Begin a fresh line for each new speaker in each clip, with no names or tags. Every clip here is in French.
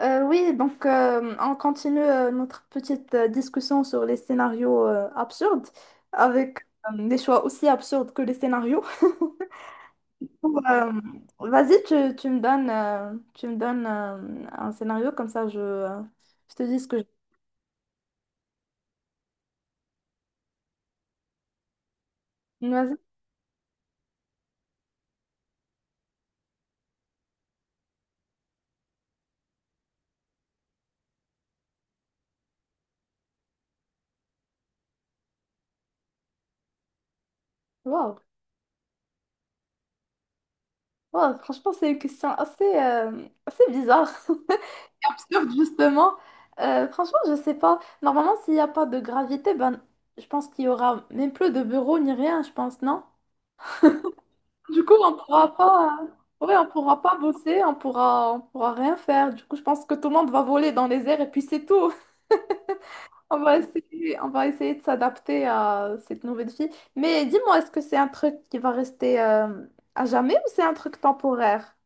On continue notre petite discussion sur les scénarios absurdes, avec des choix aussi absurdes que les scénarios. Ou, euh, vas-y, tu me donnes un scénario, comme ça je te dis ce que Vas-y. Wow. Wow, franchement, c'est une question assez, assez bizarre. Absurde, justement. Franchement, je sais pas. Normalement, s'il n'y a pas de gravité, ben, je pense qu'il y aura même plus de bureaux ni rien, je pense, non? Du coup, on pourra pas, hein. Ouais, on pourra pas bosser, on pourra rien faire. Du coup, je pense que tout le monde va voler dans les airs et puis c'est tout. On va essayer de s'adapter à cette nouvelle vie. Mais dis-moi, est-ce que c'est un truc qui va rester à jamais ou c'est un truc temporaire?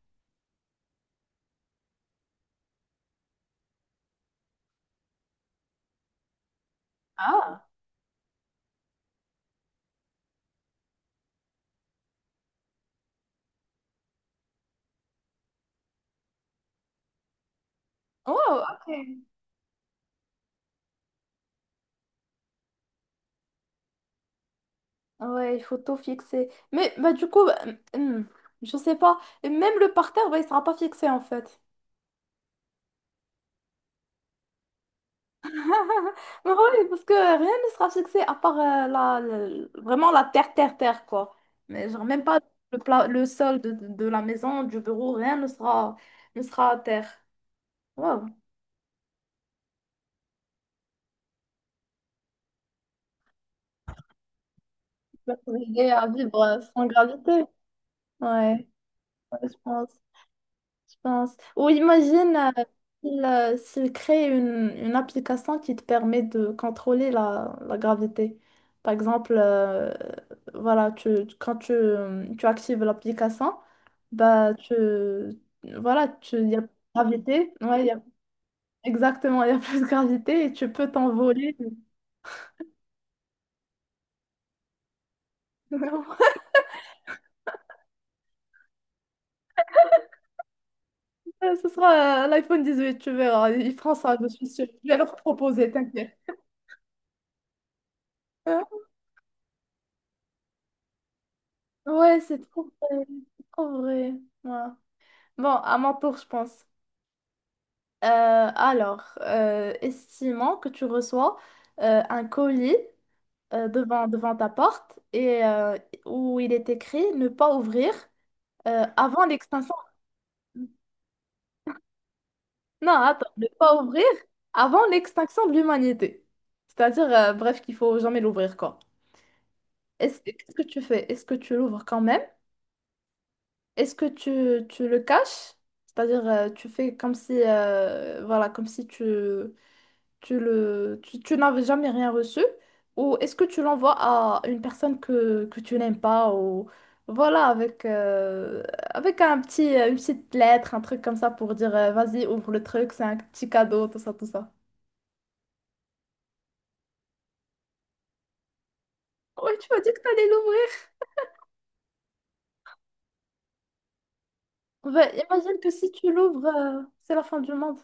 Ah, oh, ok. Ouais, il faut tout fixer. Mais bah, du coup, je sais pas. Et même le parterre, bah, il sera pas fixé en fait. Mais oui, parce que rien ne sera fixé à part vraiment la terre, terre, terre, quoi. Mais genre, même pas le sol de la maison, du bureau, rien ne sera, ne sera à terre. Wow. Obliger à vivre sans gravité. Ouais, ouais, je pense. Mince. Ou imagine s'il crée une application qui te permet de contrôler la gravité. Par exemple, voilà, quand tu actives l'application, bah, tu, voilà, tu, il y a plus de gravité. Exactement, il y a plus de gravité et tu peux t'envoler. Ouais, ce sera l'iPhone huit tu verras. Ils feront ça, je suis sûre. Je vais leur proposer, t'inquiète. Ouais, c'est trop vrai. C'est trop vrai. Ouais. Bon, à mon tour, je pense. Euh, estimons que tu reçois un colis devant ta porte où il est écrit ne pas ouvrir avant l'extinction. Non, attends, ne pas ouvrir avant l'extinction de l'humanité. C'est-à-dire, bref, qu'il faut jamais l'ouvrir, quoi. Qu'est-ce que tu fais? Est-ce que tu l'ouvres quand même? Est-ce que tu le caches? C'est-à-dire, tu fais comme si, voilà, comme si tu tu tu n'avais jamais rien reçu, ou est-ce que tu l'envoies à une personne que tu n'aimes pas, ou voilà, avec un petit, une petite lettre, un truc comme ça pour dire, vas-y, ouvre le truc, c'est un petit cadeau, tout ça, tout ça. Ouais, tu m'as dit que t'allais l'ouvrir. Ouais, imagine que si tu l'ouvres, c'est la fin du monde.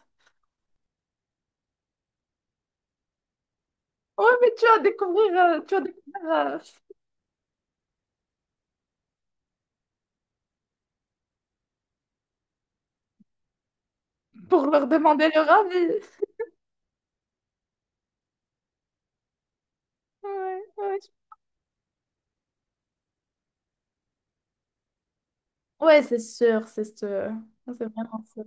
Ouais, mais tu vas découvrir pour leur demander leur avis. Ouais, ouais. Ouais, c'est sûr, c'est sûr. C'est vraiment sûr.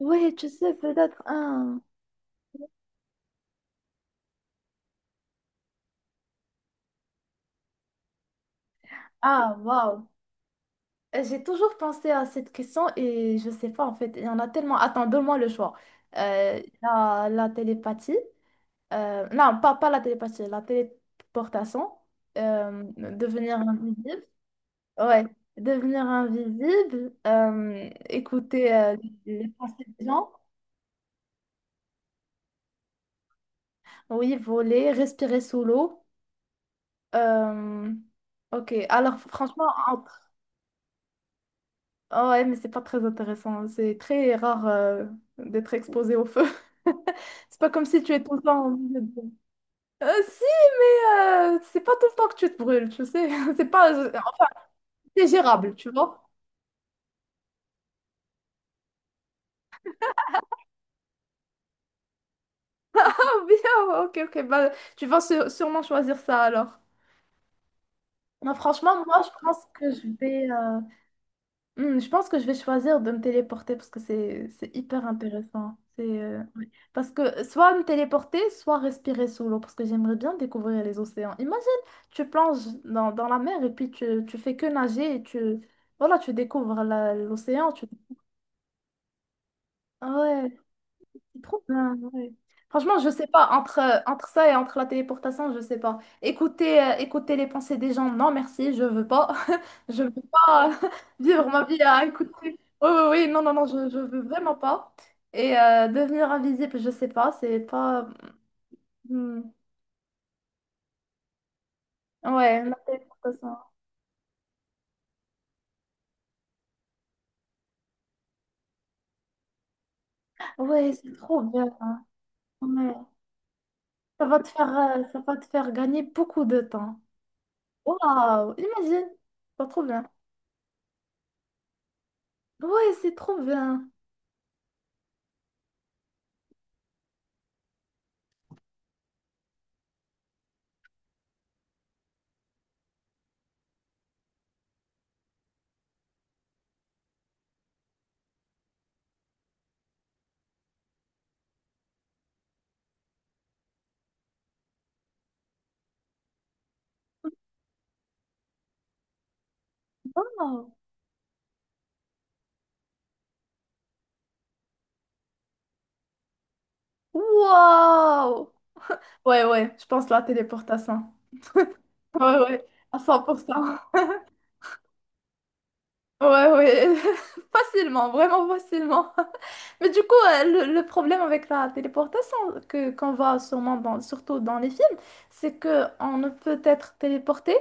Ouais, tu sais, peut-être un. Ah, waouh. J'ai toujours pensé à cette question et je sais pas en fait. Il y en a tellement. Attends, donne-moi le choix. La télépathie. Pas la télépathie, la téléportation. Devenir invisible. Ouais, devenir invisible. Écouter les pensées des gens. Oui, voler, respirer sous l'eau. euh, ok, alors franchement, ah ouais, mais c'est pas très intéressant. C'est très rare d'être exposé au feu. C'est pas comme si tu es tout le temps en milieu de- si, mais c'est pas tout le temps que tu te brûles, tu sais. C'est pas... C'est gérable, tu vois. Ah bien, ok, ok. Bah, sûrement choisir ça alors. Non, franchement, moi, je pense que je vais... Hmm, je pense que je vais choisir de me téléporter parce que c'est hyper intéressant. C'est ouais. Parce que soit me téléporter, soit respirer sous l'eau parce que j'aimerais bien découvrir les océans. Imagine, tu plonges dans la mer et puis tu fais que nager et tu voilà, tu découvres l'océan. Tu... Ah ouais. C'est trop bien, ouais. Franchement, je sais pas, entre, entre ça et entre la téléportation, je sais pas. Écouter, écouter les pensées des gens, non merci, je veux pas. Je veux pas vivre ma vie à écouter. Oui, oui, oui, non, non, non, je veux vraiment pas. Et devenir invisible, je sais pas, c'est pas. Hmm. Ouais, la téléportation. Ouais, c'est trop bien. Hein. Ouais. Ça va te faire, ça va te faire gagner beaucoup de temps. Waouh, imagine, c'est trop bien. Ouais, c'est trop bien. Waouh. Wow! Ouais, ouais, je pense la téléportation. Ouais, ouais, à cent pour cent. Ouais, ouais, facilement, vraiment facilement. Mais du coup, le problème avec la téléportation que qu'on voit sûrement dans, surtout dans les films, c'est que on ne peut être téléporté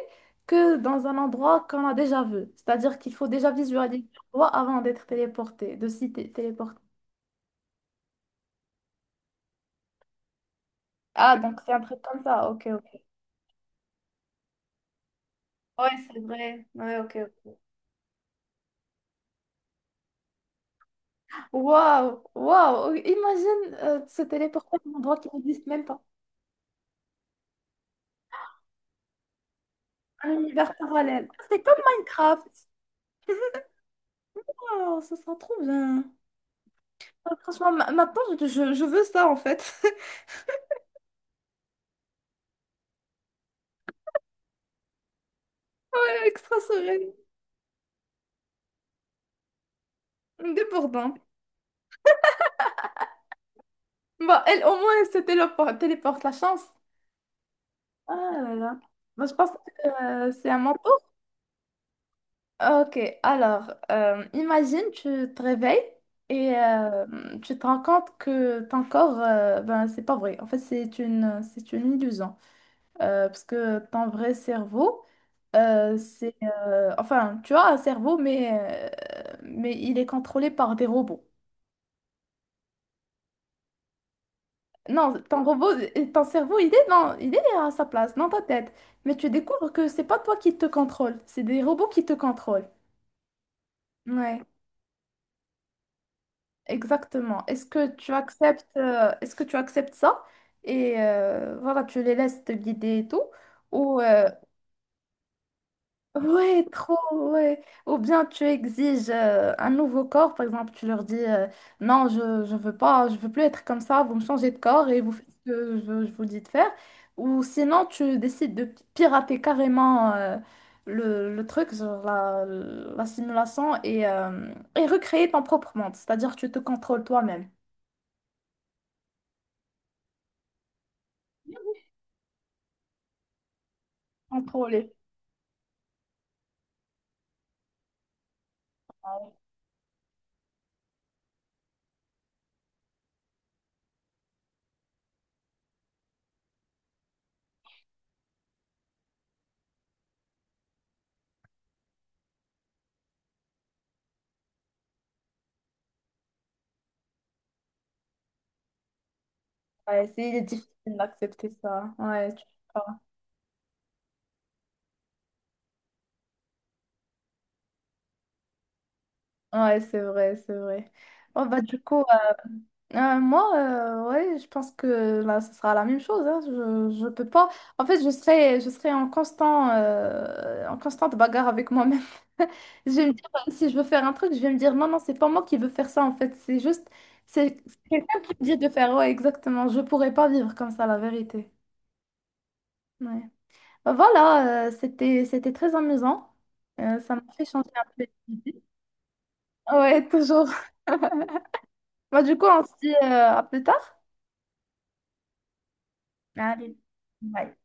que dans un endroit qu'on a déjà vu. C'est-à-dire qu'il faut déjà visualiser l'endroit avant d'être téléporté, téléporter. Ah, donc c'est un truc comme ça, ok, ok. Ouais, c'est vrai. Ouais, ok. Ok. Waouh, waouh, imagine se téléporter à un endroit qui n'existe même pas, un univers parallèle. Ah, c'est comme Minecraft. Waouh, ça sera trop bien. Ah, franchement, maintenant, je veux ça en fait. Extraterrestre. Débordant. Bah, elle, au moins, elle se téléporte, téléporte la chance. Ah là là. Moi, je pense que c'est à mon tour. Ok, alors, imagine, tu te réveilles et tu te rends compte que ton corps, ben, c'est pas vrai. En fait, c'est une illusion. Parce que ton vrai cerveau, enfin, tu as un cerveau, mais il est contrôlé par des robots. Non, ton robot, ton cerveau, il est à sa place, dans ta tête. Mais tu découvres que c'est pas toi qui te contrôle, c'est des robots qui te contrôlent. Ouais, exactement. Est-ce que tu acceptes, est-ce que tu acceptes ça? Et voilà, tu les laisses te guider et tout. Ou, euh, Ouais, trop, ouais. Ou bien tu exiges un nouveau corps, par exemple, tu leur dis non, je veux pas, je veux plus être comme ça, vous me changez de corps et vous faites ce que je vous dis de faire. Ou sinon, tu décides de pirater carrément le truc, genre la simulation et recréer ton propre monde, c'est-à-dire tu te contrôles toi-même. Contrôler. Ouais, ouais, c'est il est difficile d'accepter ça. Ouais, tu... Ouais, c'est vrai, c'est vrai. Bon, bah, du coup. Moi, ouais, je pense que là, ce sera la même chose. Hein. Je peux pas. En fait, je serai en en constante bagarre avec moi-même. Je vais me dire, si je veux faire un truc, je vais me dire, non, non, c'est pas moi qui veux faire ça, en fait. C'est juste, c'est quelqu'un qui me dit de faire, ouais, exactement. Je pourrais pas vivre comme ça, la vérité. Ouais. Bah voilà, c'était très amusant. Ça m'a fait changer un peu d'idée. Ouais, toujours. Bah, du coup, on se dit, à plus tard. Allez. Bye.